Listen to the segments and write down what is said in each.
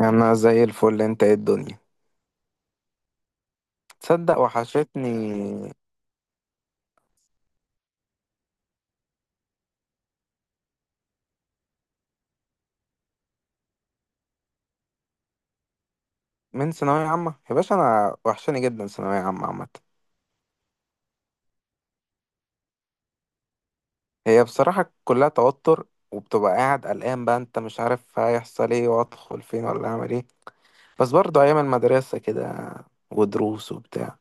انا زي الفل. انت ايه الدنيا؟ تصدق وحشتني من ثانوية عامة يا باشا. انا وحشاني جدا ثانوية عامة عامة. هي بصراحة كلها توتر، وبتبقى قاعد قلقان بقى، انت مش عارف هيحصل ايه، وادخل فين ولا اعمل ايه. بس برضه ايام المدرسة كده ودروس وبتاع.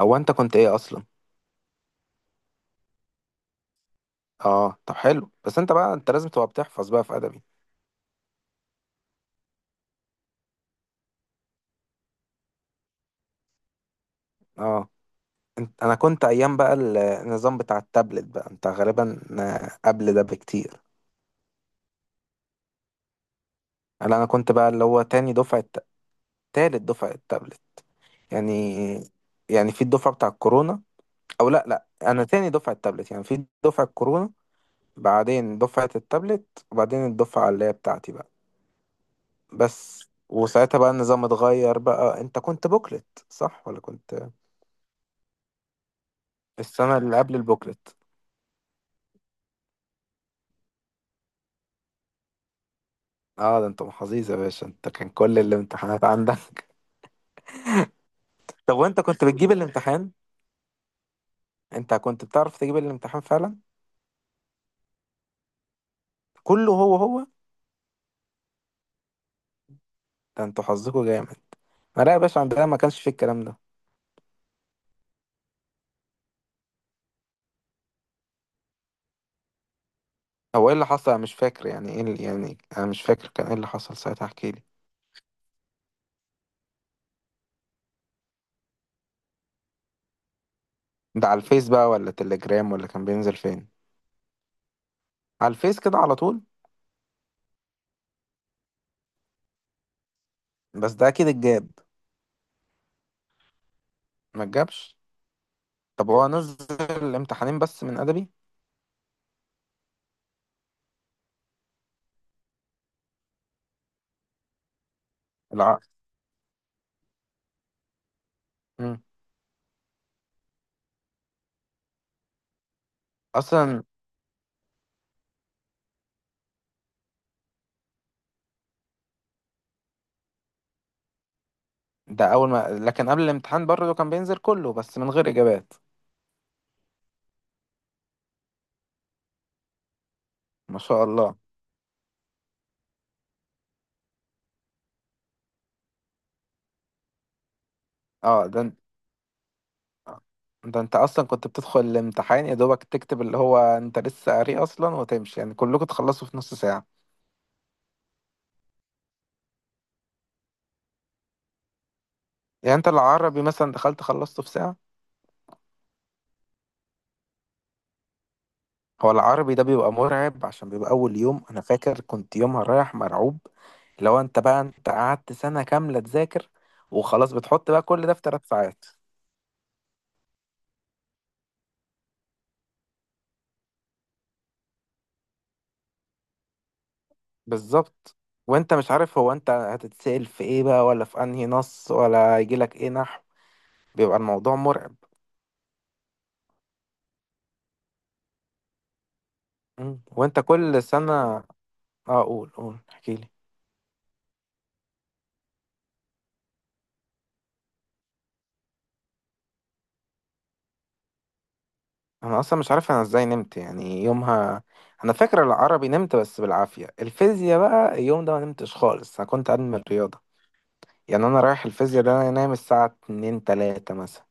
هو انت كنت ايه اصلا؟ اه طب حلو، بس انت بقى انت لازم تبقى بتحفظ بقى في ادبي. اه، انت انا كنت ايام بقى النظام بتاع التابلت بقى انت غالبا قبل ده بكتير. لا انا كنت بقى اللي هو تاني دفعة، تالت دفعة التابلت يعني يعني في الدفعة بتاع الكورونا، أو لأ لأ، أنا تاني دفعة التابلت يعني في دفعة الكورونا. بعدين دفعة التابلت، وبعدين الدفعة اللي هي بتاعتي بقى. بس وساعتها بقى النظام اتغير، بقى أنت كنت بوكلت صح ولا كنت السنة اللي قبل البوكلت؟ اه، ده انت محظوظ يا باشا، انت كان كل الامتحانات عندك. طب وانت كنت بتجيب الامتحان؟ انت كنت بتعرف تجيب الامتحان فعلا؟ كله هو هو؟ ده انتوا حظكوا جامد. لا يا باشا، عندنا ما كانش فيه الكلام ده. هو ايه اللي حصل؟ انا مش فاكر. يعني ايه اللي، يعني انا مش فاكر كان ايه اللي حصل ساعتها، احكي لي. ده على الفيس بقى ولا تليجرام، ولا كان بينزل فين؟ على الفيس كده على طول؟ بس ده اكيد اتجاب. ما اتجابش؟ طب هو نزل الامتحانين بس من ادبي؟ الع... مم. اصلا؟ ده اول ما، لكن قبل الامتحان برضه كان بينزل كله بس من غير اجابات؟ ما شاء الله. اه، ده انت اصلا كنت بتدخل الامتحان يا دوبك تكتب اللي هو انت لسه قاري اصلا وتمشي، يعني كلكم تخلصوا في نص ساعة. يعني انت العربي مثلا دخلت خلصته في ساعة؟ هو العربي ده بيبقى مرعب، عشان بيبقى أول يوم. أنا فاكر كنت يومها رايح مرعوب. لو أنت بقى أنت قعدت سنة كاملة تذاكر وخلاص، بتحط بقى كل ده في ثلاث ساعات. بالظبط. وأنت مش عارف هو أنت هتتسأل في إيه بقى، ولا في أنهي نص، ولا يجيلك إيه نحو. بيبقى الموضوع مرعب. وأنت كل سنة، أه قول قول احكيلي. أنا أصلا مش عارف أنا إزاي نمت يعني يومها. أنا فاكر العربي نمت بس بالعافية، الفيزياء بقى اليوم ده ما نمتش خالص، أنا كنت أدمن الرياضة. يعني انا رايح الفيزياء، ده انا نايم الساعة 2 3 مثلا.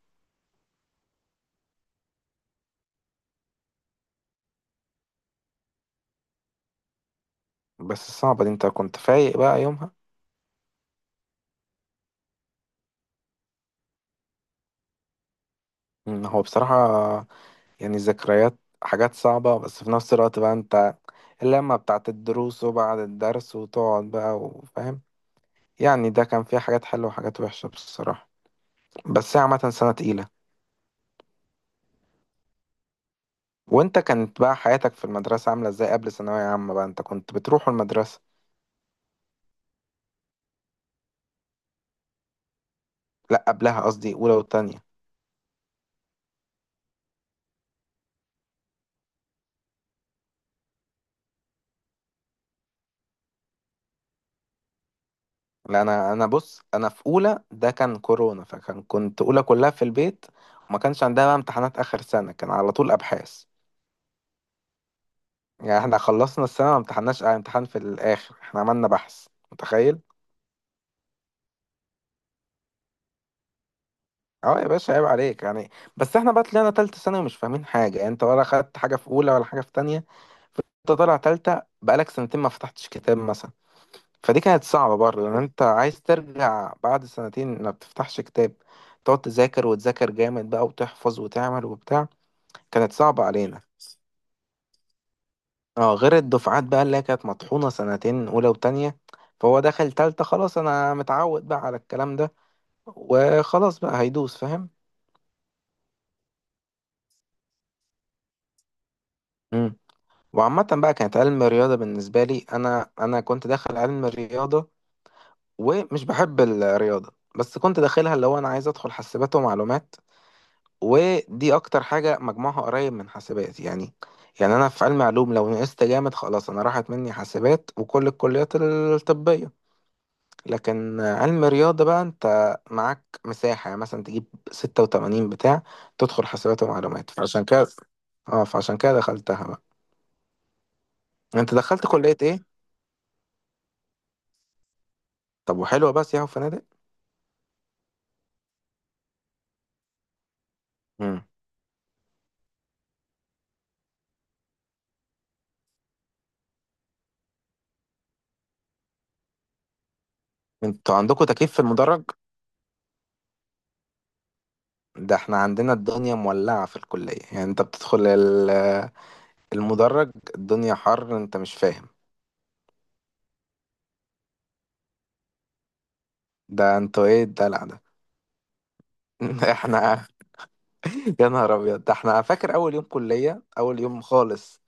بس صعبة دي، انت كنت فايق بقى يومها؟ هو بصراحة يعني الذكريات حاجات صعبة، بس في نفس الوقت بقى انت اللمة بتاعت الدروس، وبعد الدرس وتقعد بقى وفاهم يعني. ده كان فيه حاجات حلوة وحاجات وحشة بصراحة، بس هي عامة سنة تقيلة. وانت كانت بقى حياتك في المدرسة عاملة ازاي قبل ثانوية عامة؟ بقى انت كنت بتروح المدرسة؟ لا قبلها قصدي، اولى وتانية. لا، انا بص، انا في اولى ده كان كورونا، فكان كنت اولى كلها في البيت. وما كانش عندنا بقى امتحانات اخر سنه، كان على طول ابحاث. يعني احنا خلصنا السنه ما امتحناش امتحان في الاخر، احنا عملنا بحث متخيل. اه يا باشا عيب عليك يعني. بس احنا بقى طلعنا تالتة سنة ومش فاهمين حاجة، يعني انت ولا خدت حاجة في اولى ولا حاجة في تانية. انت طالع تالتة بقالك سنتين ما فتحتش كتاب مثلا، فدي كانت صعبة برضه، لان انت عايز ترجع بعد سنتين ما بتفتحش كتاب، تقعد تذاكر وتذاكر جامد بقى، وتحفظ وتعمل وبتاع. كانت صعبة علينا. اه غير الدفعات بقى اللي هي كانت مطحونة سنتين، أولى وتانية، فهو دخل تالتة خلاص أنا متعود بقى على الكلام ده وخلاص، بقى هيدوس فاهم. مم. وعامة بقى كانت علم الرياضة بالنسبة لي. أنا كنت داخل علم الرياضة ومش بحب الرياضة، بس كنت داخلها اللي هو أنا عايز أدخل حاسبات ومعلومات، ودي أكتر حاجة مجموعها قريب من حاسبات يعني. يعني أنا في علم علوم لو نقصت جامد خلاص أنا راحت مني حاسبات وكل الكليات الطبية، لكن علم رياضة بقى انت معاك مساحة، يعني مثلا تجيب ستة وتمانين بتاع، تدخل حسابات ومعلومات، فعشان كده. اه فعشان كده دخلتها بقى. انت دخلت كلية ايه؟ طب وحلوة بس ياهو فنادق؟ مم. انتوا عندكوا تكييف في المدرج؟ ده احنا عندنا الدنيا مولعة في الكلية، يعني انت بتدخل المدرج الدنيا حر انت مش فاهم. ده انتوا ايه الدلع ده؟ احنا يا نهار ابيض، ده احنا فاكر اول يوم كليه اول يوم خالص،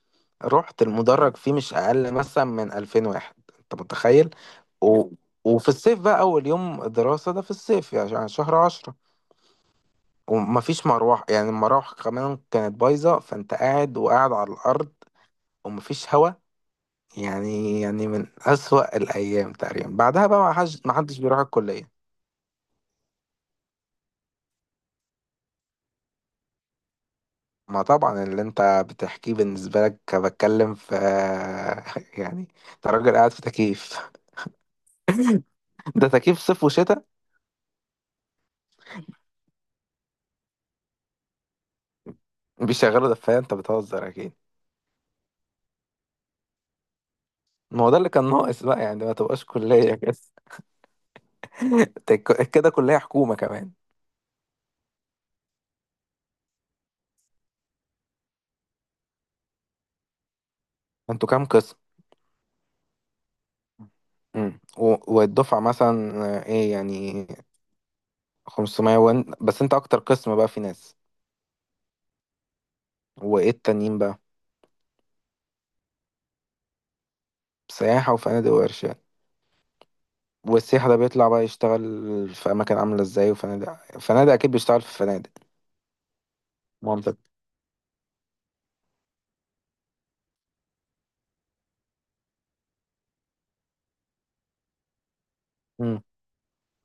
رحت المدرج فيه مش اقل مثلا من 2000 واحد، انت متخيل؟ و... وفي الصيف بقى اول يوم دراسه ده في الصيف، يعني عشان شهر عشرة، ومفيش مروح، يعني المراوح كمان كانت بايظه، فانت قاعد وقاعد على الارض ومفيش هوا. يعني من اسوأ الايام تقريبا، بعدها بقى ما حدش بيروح الكليه. ما طبعا اللي انت بتحكيه بالنسبة لك بتكلم في، يعني انت راجل قاعد في تكييف. ده تكييف صيف وشتاء؟ بيشغلوا دفاية، انت بتهزر اكيد. ما هو ده اللي كان ناقص بقى يعني، ما تبقاش كلية كده. كده كلية حكومة كمان. انتوا كام قسم؟ والدفعة مثلا، ايه يعني؟ 500 وان بس، انت اكتر قسم بقى في ناس؟ وايه التانيين بقى؟ سياحة وفنادق وارشاد. والسياح ده بيطلع بقى يشتغل في أماكن عاملة إزاي؟ وفنادق فنادق أكيد بيشتغل في فنادق، منطق. مم.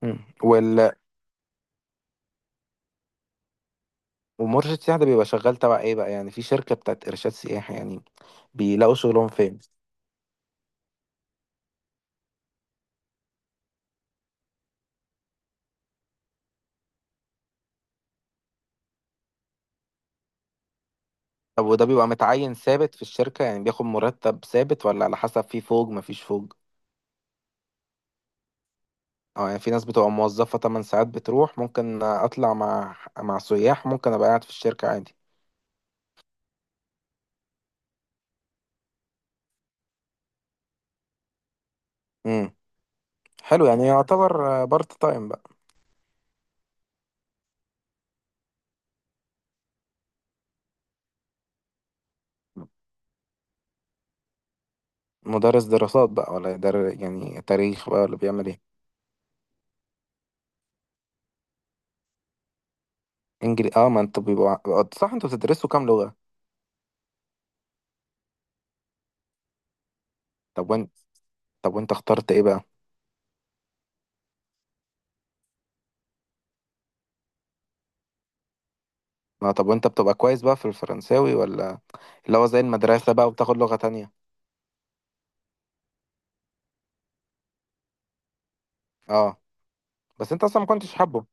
مم. ومرشد السياح ده بيبقى شغال تبع إيه بقى؟ يعني في شركة بتاعت إرشاد سياحي يعني، بيلاقوا شغلهم فين؟ طب وده بيبقى متعين ثابت في الشركة، يعني بياخد مرتب ثابت ولا على حسب في فوق مفيش فوق؟ اه، يعني في ناس بتبقى موظفة 8 ساعات بتروح، ممكن أطلع مع سياح، ممكن أبقى قاعد في الشركة عادي. مم. حلو، يعني يعتبر بارت تايم بقى. مدرس دراسات بقى ولا يعني تاريخ بقى، ولا بيعمل ايه؟ اه ما انت بيبقى، صح. انتوا بتدرسوا كام لغة؟ طب وانت طب وانت اخترت ايه بقى؟ ما طب وانت بتبقى كويس بقى في الفرنساوي، ولا اللي هو زي المدرسة بقى وبتاخد لغة تانية؟ اه بس انت اصلا ما كنتش حابه.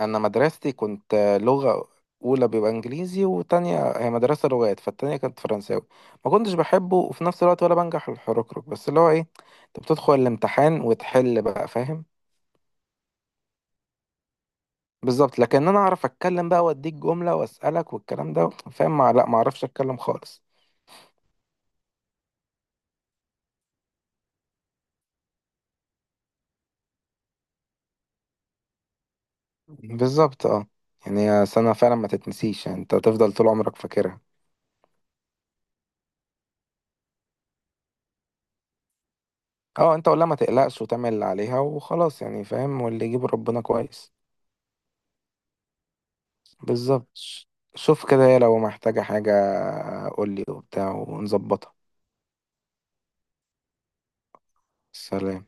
انا مدرستي كنت لغة، اولى بيبقى انجليزي وتانية، هي مدرسة لغات، فالتانية كانت فرنساوي. ما كنتش بحبه، وفي نفس الوقت ولا بنجح الحركرك، بس اللي هو ايه، انت بتدخل الامتحان وتحل بقى فاهم. بالظبط، لكن انا اعرف اتكلم بقى، واديك جملة واسألك والكلام ده فاهم، لا ما اعرفش اتكلم خالص. بالظبط، اه. يعني سنة فعلا ما تتنسيش، يعني انت تفضل طول عمرك فاكرها. اه انت ولا ما تقلقش، وتعمل اللي عليها وخلاص يعني فاهم، واللي يجيب ربنا كويس. بالظبط. شوف كده، لو محتاجة حاجة قولي وبتاع ونظبطها. سلام.